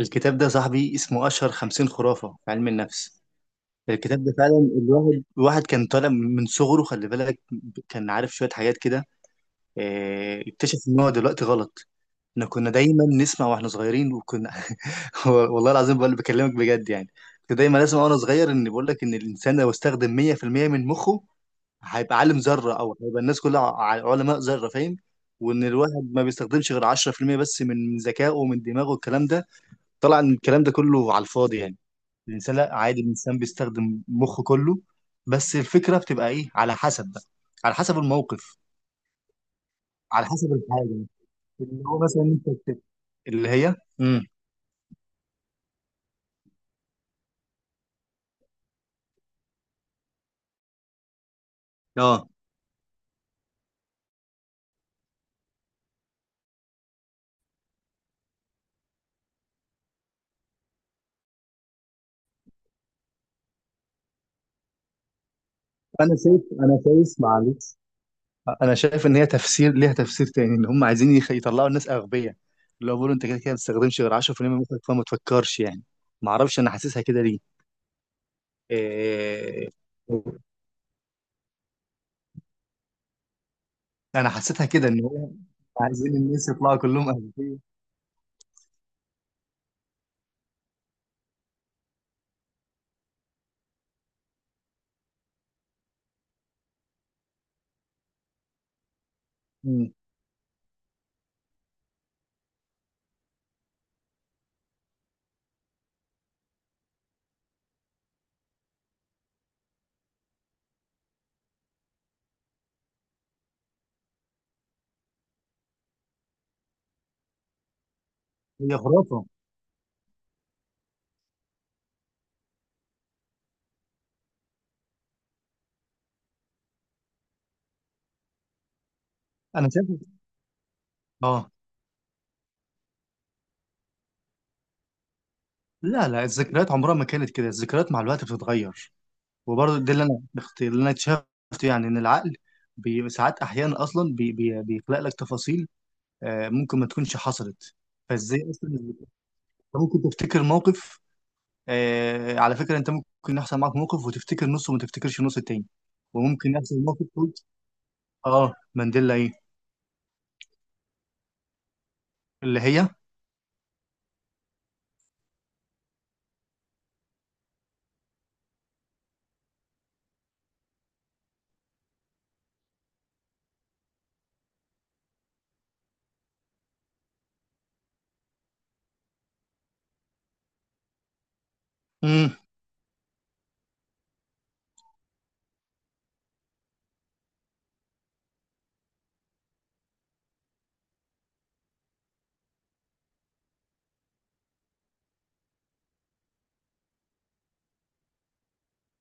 الكتاب ده صاحبي اسمه أشهر خمسين خرافة في علم النفس. الكتاب ده فعلا الواحد كان طالع من صغره خلي بالك. كان عارف شوية حاجات كده. اكتشف إن هو دلوقتي غلط. احنا كنا دايما نسمع واحنا صغيرين وكنا والله العظيم بقول بكلمك بجد يعني. كنت دايما اسمع وانا صغير ان بقول لك ان الانسان لو استخدم 100% من مخه هيبقى عالم ذرة او هيبقى الناس كلها علماء ذرة فاهم. وان الواحد ما بيستخدمش غير 10% بس من ذكائه ومن دماغه الكلام ده طلع ان الكلام ده كله على الفاضي يعني. الانسان لا عادي، الانسان بيستخدم مخه كله، بس الفكره بتبقى ايه على حسب بقى، على حسب الموقف، على حسب الحاجه. اللي هو مثلا انت اللي هي اه، انا شايف معلش، انا شايف ان هي تفسير، ليها تفسير تاني، ان هم عايزين يطلعوا الناس اغبياء. اللي هو بيقولوا انت كده كده ما بتستخدمش غير 10% من مخك فما تفكرش يعني. ما اعرفش انا حاسسها كده ليه. إيه... انا حسيتها كده، ان هو عايزين الناس يطلعوا كلهم اغبياء. أمم. هي خرافه. انا شايف. اه. لا، لا الذكريات عمرها ما كانت كده، الذكريات مع الوقت بتتغير. وبرضه ده اللي اللي انا اكتشفته يعني، ان العقل ساعات احيانا اصلا بي بي بيخلق لك تفاصيل ممكن ما تكونش حصلت. فازاي اصلا انت ممكن تفتكر موقف؟ على فكره، انت ممكن يحصل معاك موقف وتفتكر نصه وما تفتكرش النص التاني. وممكن يحصل موقف تقول. اه مانديلا ايه؟ اللي هي امم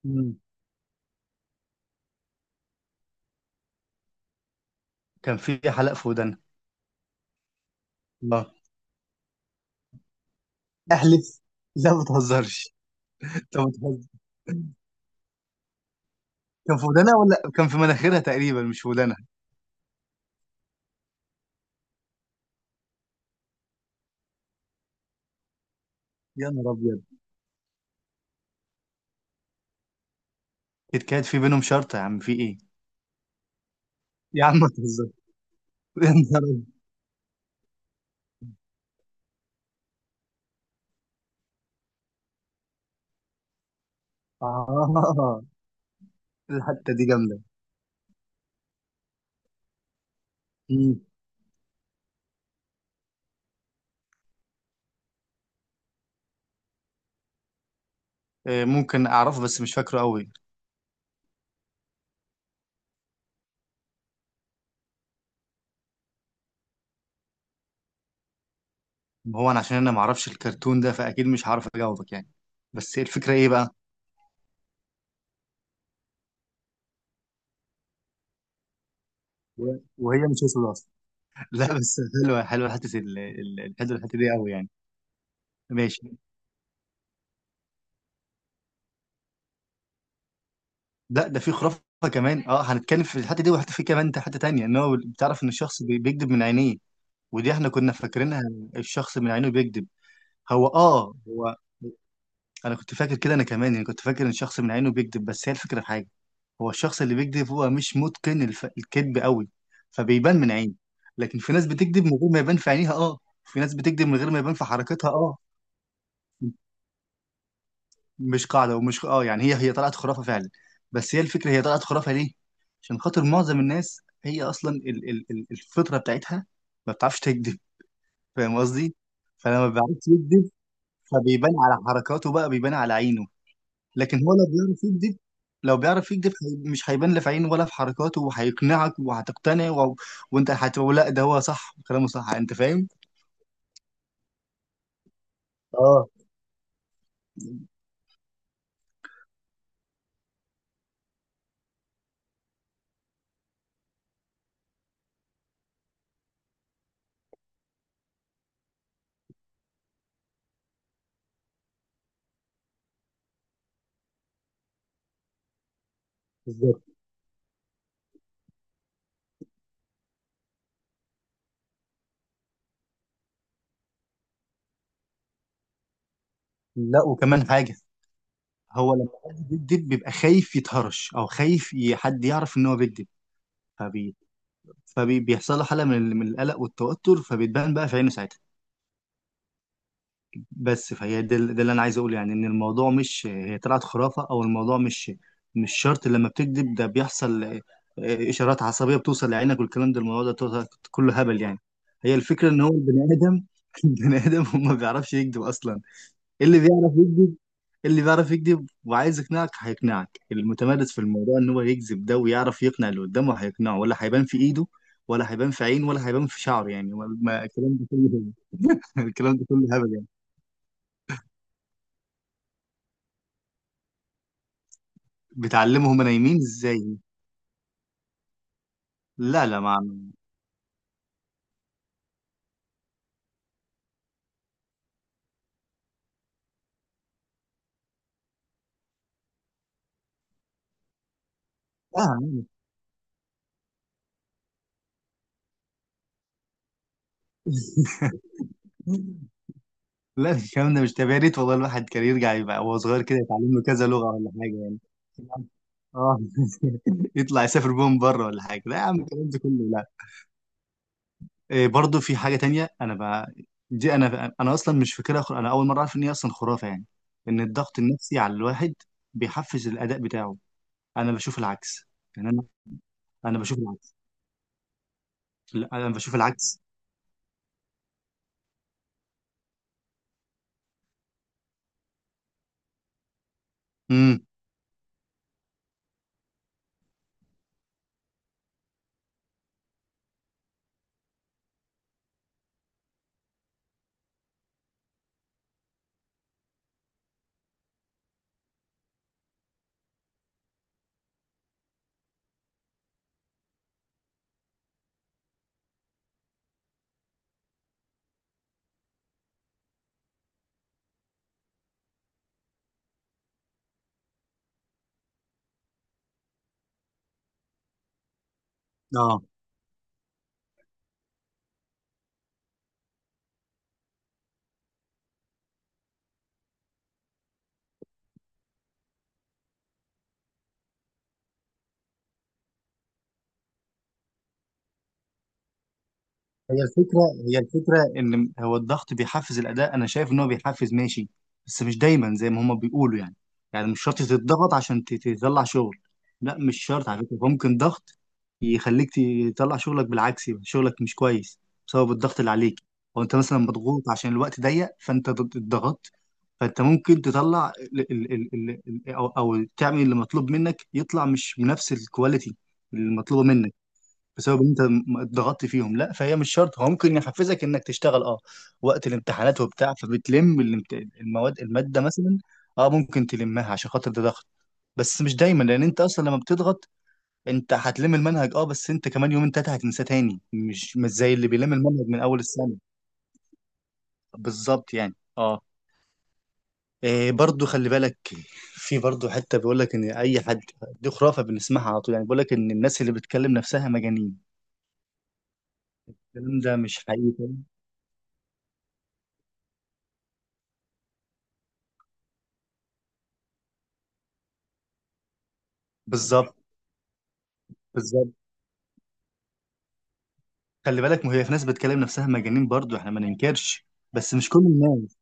أمم، كان في حلقه في ودانا. الله، احلف. لا ما تهزرش. انت كان في ودانها ولا كان في مناخيرها؟ تقريبا مش في ودانها. يا نهار ابيض. اتكاد في بينهم شرط يا عم، في ايه؟ يا عم ما تهزر. يا نهار ابيض. اه، الحته دي جامده. مم. ممكن اعرفه بس مش فاكره قوي. هو انا عشان انا ما اعرفش الكرتون ده فاكيد مش هعرف اجاوبك يعني. بس الفكره ايه بقى؟ وهي مش اسود اصلا. لا بس حلوه، حلوه حته الحته دي قوي يعني. ماشي. لا ده في خرافه كمان. اه، هنتكلم في الحته دي، وحته في كمان حته تانيه، ان هو بتعرف ان الشخص بيكذب من عينيه. ودي احنا كنا فاكرينها. الشخص من عينه بيكذب. هو. انا كنت فاكر كده انا كمان يعني، كنت فاكر ان الشخص من عينه بيكذب، بس هي الفكره في حاجه. هو الشخص اللي بيكذب هو مش متقن الكذب قوي، فبيبان من عينه. لكن في ناس بتكذب من غير ما يبان في عينيها، اه. في ناس بتكذب من غير ما يبان في حركتها، اه. مش قاعده ومش اه يعني، هي طلعت خرافه فعلا. بس هي الفكره، هي طلعت خرافه ليه؟ عشان خاطر معظم الناس هي اصلا الفطره بتاعتها ما بتعرفش تكذب، فاهم قصدي؟ فلما بيعرفش يكذب فبيبان على حركاته بقى، بيبان على عينه. لكن هو لو بيعرف يكذب، لو بيعرف يكذب مش هيبان لا في عينه ولا في حركاته، وهيقنعك وهتقتنع وانت هتقول لا ده هو صح، كلامه صح، انت فاهم. اه بالظبط. لا، وكمان حاجه. هو لما حد بيكذب بيبقى خايف يتهرش او خايف حد يعرف ان هو بيكذب، فبي فبيحصل له حاله من من القلق والتوتر، فبتبان بقى في عينه ساعتها. بس فهي ده اللي انا عايز اقوله يعني، ان الموضوع مش هي طلعت خرافه، او الموضوع مش، مش شرط لما بتكذب ده بيحصل آه،، اشارات عصبيه بتوصل لعينك والكلام ده، الموضوع ده كله هبل يعني. هي الفكره ان هو البني ادم، البني ادم هو ما بيعرفش يكذب اصلا. اللي بيعرف يكذب، اللي بيعرف يكذب وعايز يقنعك هيقنعك، المتمرس في الموضوع ان هو يكذب ده ويعرف يقنع اللي قدامه هيقنعه، ولا هيبان في ايده، ولا هيبان في عينه، ولا هيبان في شعره يعني. الكلام ده كله الكلام ده كله هبل. بتعلمهم انا يمين ازاي؟ لا، لا ما عملتها. لا الكلام ده مش تابع، يا ريت والله الواحد كان يرجع يبقى وهو صغير كده يتعلم له كذا لغة ولا حاجة يعني. اه. يطلع يسافر بيهم بره ولا حاجة. لا يا عم الكلام ده كله لا. إيه برضه، في حاجة تانية انا بقى، دي انا اصلا مش فاكرها انا اول مرة اعرف ان هي اصلا خرافة يعني. ان الضغط النفسي على الواحد بيحفز الاداء بتاعه. انا بشوف العكس. يعني انا، انا بشوف العكس. لا انا بشوف العكس. امم هي الفكرة هي الفكرة إن هو الضغط بيحفز الأداء، أنا شايف إن هو بيحفز ماشي، بس مش دايما زي ما هما بيقولوا يعني. يعني مش شرط تتضغط عشان تطلع شغل. لا مش شرط على فكرة، ممكن ضغط يخليك تطلع شغلك بالعكس، يبقى شغلك مش كويس بسبب الضغط اللي عليك. أو أنت مثلا مضغوط عشان الوقت ضيق فأنت اتضغطت، فأنت ممكن تطلع أو تعمل اللي مطلوب منك يطلع مش بنفس الكواليتي المطلوبة منك، بسبب إن انت اتضغطت فيهم. لا فهي مش شرط، هو ممكن يحفزك انك تشتغل اه، وقت الامتحانات وبتاع فبتلم الماده مثلا، اه ممكن تلمها عشان خاطر ده ضغط، بس مش دايما، لان انت اصلا لما بتضغط انت هتلم المنهج اه، بس انت كمان يومين تلاته هتنساه تاني، مش زي اللي بيلم المنهج من اول السنه، بالظبط يعني اه. إيه برضو، خلي بالك في برضو حته بيقول لك ان اي حد، دي خرافه بنسمعها على طول يعني، بيقول لك ان الناس اللي بتكلم نفسها مجانين. الكلام ده مش حقيقي. بالظبط. بالظبط. خلي بالك، ما هي في ناس بتكلم نفسها مجانين برضو، احنا ما ننكرش، بس مش كل الناس.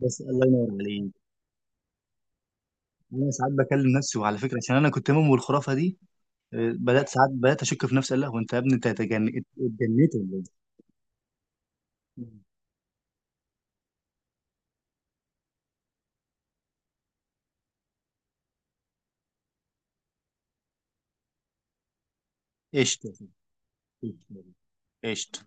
بس الله ينور عليك، انا ساعات بكلم نفسي، وعلى فكره عشان انا كنت مؤمن بالخرافه دي بدات ساعات، بدات اشك في نفسي، قال لا هو انت يا ابني انت اتجنيت ولا ايه؟ قشطه. قشطه. قشطة.